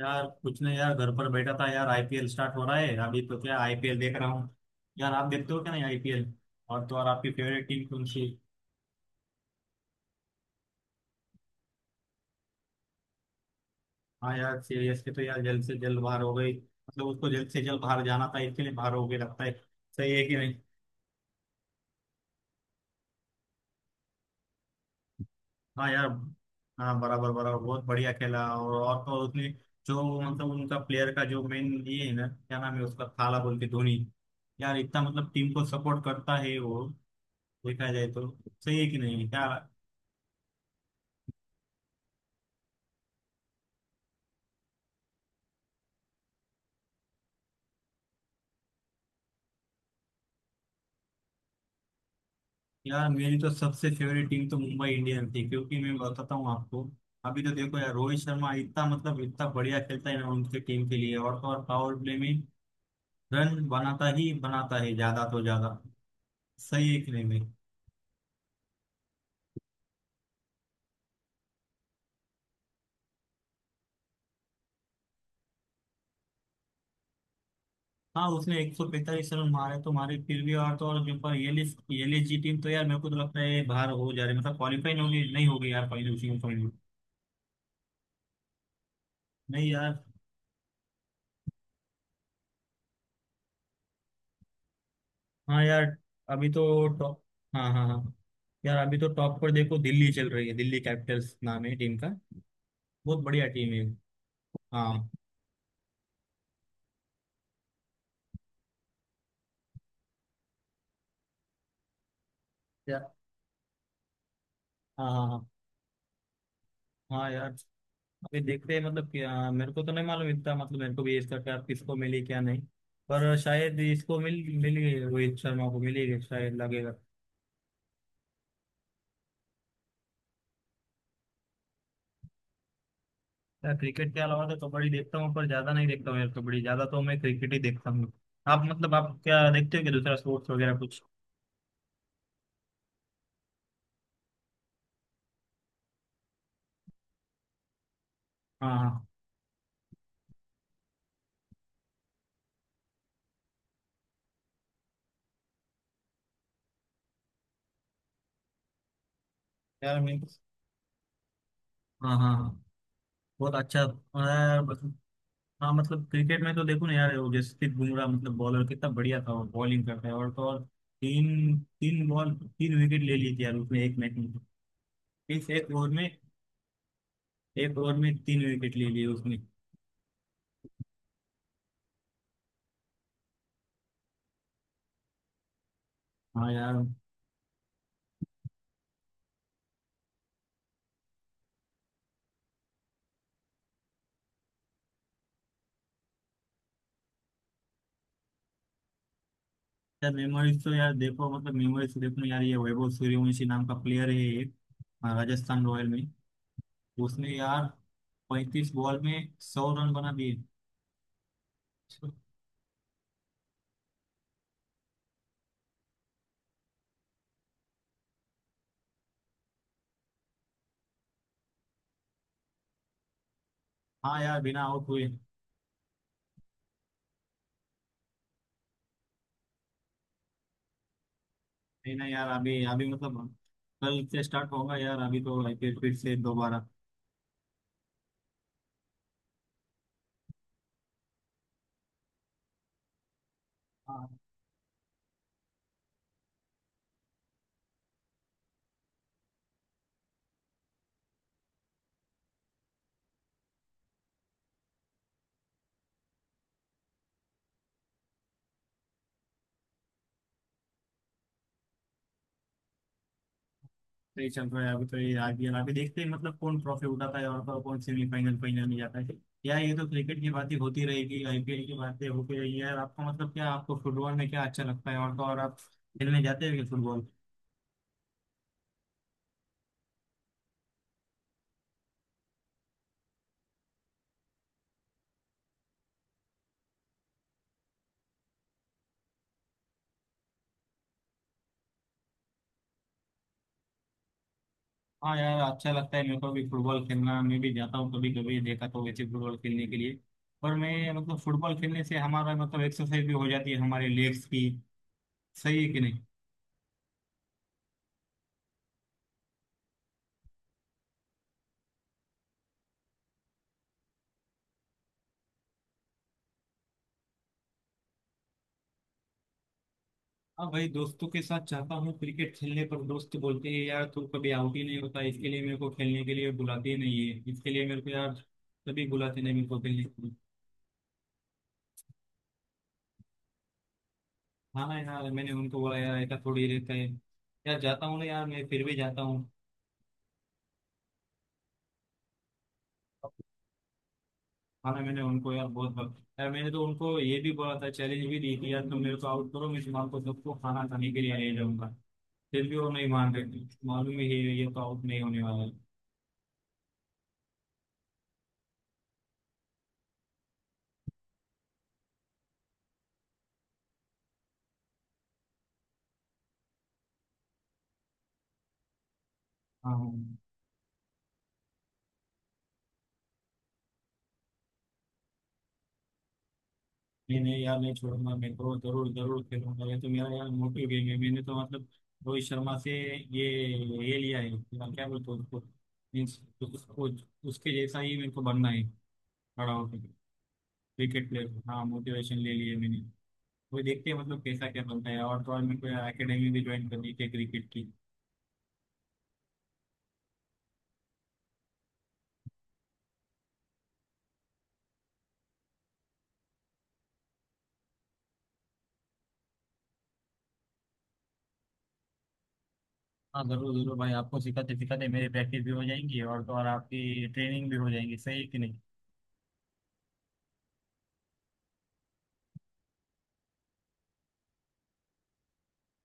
यार कुछ नहीं यार, घर पर बैठा था यार। आईपीएल स्टार्ट हो रहा है अभी, तो क्या, आईपीएल देख रहा हूँ। यार आप देखते हो क्या, नहीं आईपीएल? और तो और, आपकी फेवरेट टीम कौन सी? हाँ यार, सीएसके तो यार जल्द से जल्द बाहर हो गई। मतलब उसको जल्द से जल्द बाहर जाना था, इसके लिए बाहर हो गई लगता है। सही है कि नहीं? हाँ यार। हाँ, बराबर बराबर, बहुत बढ़िया खेला। और तो और, उसने जो, मतलब उनका प्लेयर का जो मेन ये है ना, क्या नाम है उसका, थाला बोल के, धोनी। यार इतना मतलब टीम को सपोर्ट करता है वो, देखा जाए तो। सही है कि नहीं क्या? यार मेरी तो सबसे फेवरेट टीम तो मुंबई इंडियन थी, क्योंकि मैं बताता हूँ आपको। अभी तो देखो यार, रोहित शर्मा इतना मतलब इतना बढ़िया खेलता है ना उनके टीम के लिए। और तो और, पावर प्ले में रन बनाता ही बनाता है, ज्यादा तो ज्यादा। सही है कि नहीं भाई? हाँ, उसने 145 रन मारे तो मारे, फिर भी। और तो और, जो पर ये लिस्ट, ये लिस्ट जी टीम तो यार मेरे को तो लगता है बाहर हो जा रही, मतलब क्वालिफाई नहीं होगी, नहीं होगी यार फाइनल में। नहीं यार। हाँ यार, अभी तो टॉप। हाँ हाँ हाँ। यार अभी तो टॉप पर देखो, दिल्ली चल रही है, दिल्ली कैपिटल्स नाम है टीम का। बहुत बढ़िया टीम है। हाँ। यार हाँ हाँ हाँ। हाँ यार, अभी देखते हैं मतलब कि हाँ, मेरे को तो नहीं मालूम इतना। मतलब मेरे को भी इसका क्या, किसको मिली क्या नहीं। पर शायद इसको मिल, मिली रोहित शर्मा को, मिली शायद, लगेगा। यार क्रिकेट के अलावा तो कबड्डी देखता हूँ, पर ज्यादा नहीं देखता हूँ यार कबड्डी, ज्यादा तो मैं क्रिकेट ही देखता हूँ। आप मतलब आप क्या देखते हो, कि दूसरा स्पोर्ट्स वगैरह कुछ? हाँ हाँ। यार मैं तो, हाँ हाँ हाँ, बहुत अच्छा, मैं मतलब- हाँ मतलब क्रिकेट में तो देखो ना यार, वो जसप्रीत बुमराह, मतलब बॉलर कितना बढ़िया था, वो बॉलिंग करता है। और तो और, तीन तीन बॉल, तीन विकेट ले ली थी यार उसने एक मैच में। इस एक ओवर में तीन विकेट ले लिए उसने। हाँ यार। यार मेमोरीज तो, यार देखो मतलब मेमोरीज तो देखो ना यार, ये वैभव सूर्यवंशी नाम का प्लेयर है, एक। हाँ, राजस्थान रॉयल में। उसने यार 35 बॉल में 100 रन बना दिए। हाँ यार, बिना आउट हुए। नहीं ना यार, अभी अभी मतलब कल से स्टार्ट होगा यार, अभी तो आईपीएल फिर से दोबारा। हाँ। तो ये चल रहा है अभी, तो ये आईपीएल अभी देखते हैं मतलब कौन ट्रॉफी उठाता है, और कौन सेमीफाइनल फाइनल में जाता है। यार ये तो क्रिकेट की बातें होती रहेगी, आईपीएल की बातें होती रहेगी। यार आपको मतलब क्या, आपको फुटबॉल में क्या अच्छा लगता है, और तो और आप खेलने जाते हो फुटबॉल? हाँ यार अच्छा लगता है मेरे को भी फुटबॉल खेलना, मैं भी जाता हूँ कभी कभी देखा तो वैसे, फुटबॉल खेलने के लिए। पर मैं मतलब फुटबॉल खेलने से हमारा मतलब एक्सरसाइज भी हो जाती है हमारे लेग्स की। सही है कि नहीं? हाँ भाई, दोस्तों के साथ चाहता हूँ क्रिकेट खेलने, पर दोस्त बोलते हैं यार तू कभी आउट ही नहीं होता, इसके लिए मेरे को खेलने के लिए बुलाते ही नहीं है, इसके लिए मेरे को यार कभी बुलाते नहीं मेरे को खेलने के लिए। हाँ यार, मैंने उनको बोला यार ऐसा थोड़ी रहता है। यार जाता हूँ ना यार, मैं फिर भी जाता हूँ। हाँ ना, मैंने उनको यार बहुत बार, यार मैंने तो उनको ये भी बोला था, चैलेंज भी दी थी, यार तुम मेरे को आउट करो मैं तुम्हारे सबको खाना खाने के लिए ले जाऊंगा। फिर भी वो नहीं मान रहे थे, मालूम है, ये तो आउट नहीं होने वाला है। हाँ हाँ। नहीं नहीं यार, नहीं छोड़ूंगा मैं तो, जरूर जरूर खेलूंगा। ये तो मेरा यार मोटिव गेम है। मैंने तो मतलब रोहित शर्मा से ये ये लिया है, क्या क्या बोलते हैं उसको, मीन्स उसको, उसके जैसा ही मेरे को बनना है, खड़ा होकर क्रिकेट प्लेयर। हाँ मोटिवेशन ले लिए मैंने। वो देखते हैं मतलब कैसा क्या बनता है। और तो और मेरे को यार अकेडमी भी ज्वाइन करनी थी क्रिकेट की। हाँ जरूर जरूर भाई, आपको सिखाते सिखाते मेरी प्रैक्टिस भी हो जाएंगी, और तो और आपकी ट्रेनिंग भी हो जाएगी। सही है कि नहीं?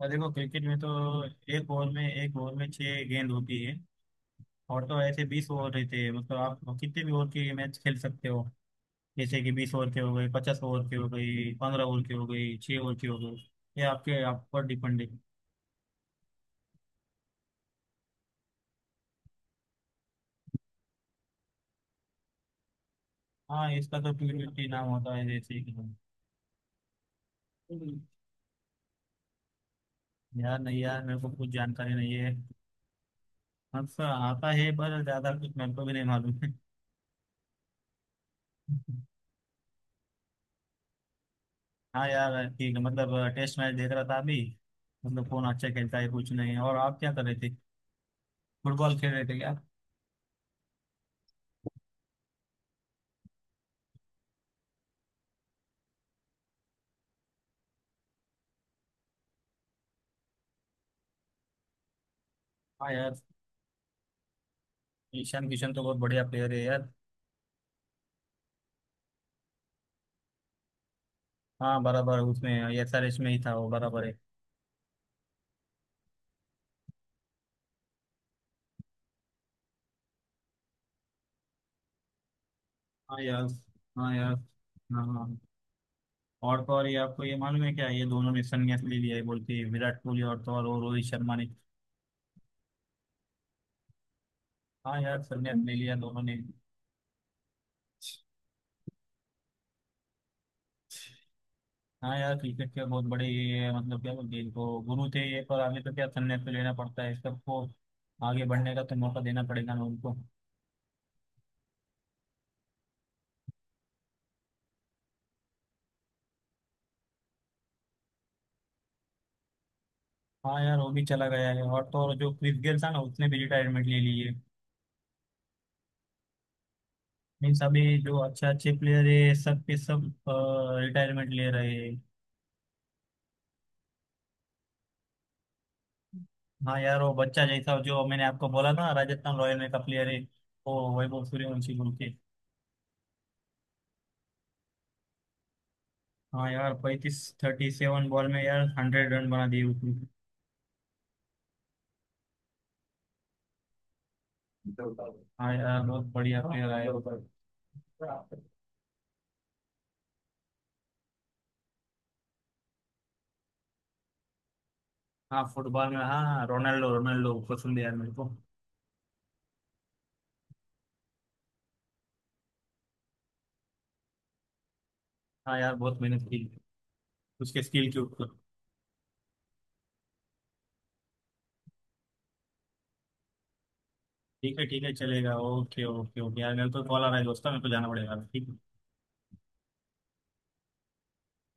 और देखो क्रिकेट में तो, एक ओवर में छह गेंद होती है। और तो ऐसे 20 ओवर रहते हैं, मतलब आप कितने भी ओवर के मैच खेल सकते हो। जैसे कि 20 ओवर के हो गए, 50 ओवर के हो गई, 15 ओवर के हो गई, छह ओवर के हो गए। ये आपके आप पर डिपेंड है। हाँ, इसका तो T20 नाम होता है, जैसे कि। यार नहीं यार, मेरे को कुछ जानकारी नहीं है। अच्छा आता है पर ज्यादा कुछ मेरे को भी नहीं मालूम है। हाँ यार ठीक है, मतलब टेस्ट मैच देख रहा था अभी, मतलब कौन अच्छा खेलता है कुछ नहीं। और आप क्या कर रहे थे, फुटबॉल खेल रहे थे क्या? हाँ यार, ईशान किशन तो बहुत बढ़िया प्लेयर है यार। हाँ बराबर, उसमें एसआरएच में ही था वो बराबर है। हाँ यार। हाँ यार। हाँ हाँ। और तो और, ये आपको ये मालूम है क्या, ये दोनों ने संन्यास ले लिया है बोल के, विराट कोहली और तो और वो रोहित शर्मा ने। हाँ यार, संन्यास ले लिया दोनों ने। हाँ यार क्रिकेट के बहुत बड़े ये, मतलब क्या बोलते हैं इनको, गुरु थे ये, पर आगे तो क्या, संन्यास तो लेना पड़ता है सबको, आगे बढ़ने का तो मौका देना पड़ेगा ना उनको। हाँ यार वो भी चला गया है, और तो और जो क्रिस गेल था ना उसने भी रिटायरमेंट ले ली है। मीन्स अभी जो अच्छे अच्छे प्लेयर है सब के सब रिटायरमेंट ले रहे हैं। हाँ यार वो बच्चा जैसा जो मैंने आपको बोला ना, राजस्थान रॉयल में का प्लेयर है, वो वैभव सूर्यवंशी बोल के। हाँ यार, 35 37 बॉल में यार 100 रन बना दिए उसने। हाँ यार बहुत बढ़िया प्लेयर है। हाँ फुटबॉल में, हाँ, रोनाल्डो, रोनाल्डो पसंद है यार मेरे को। हाँ यार बहुत मेहनत की, उसके स्किल के ऊपर। ठीक है ठीक है, चलेगा, ओके ओके ओके। यार मेरे को कॉल आ रहा है दोस्तों, मेरे को जाना पड़ेगा, ठीक है।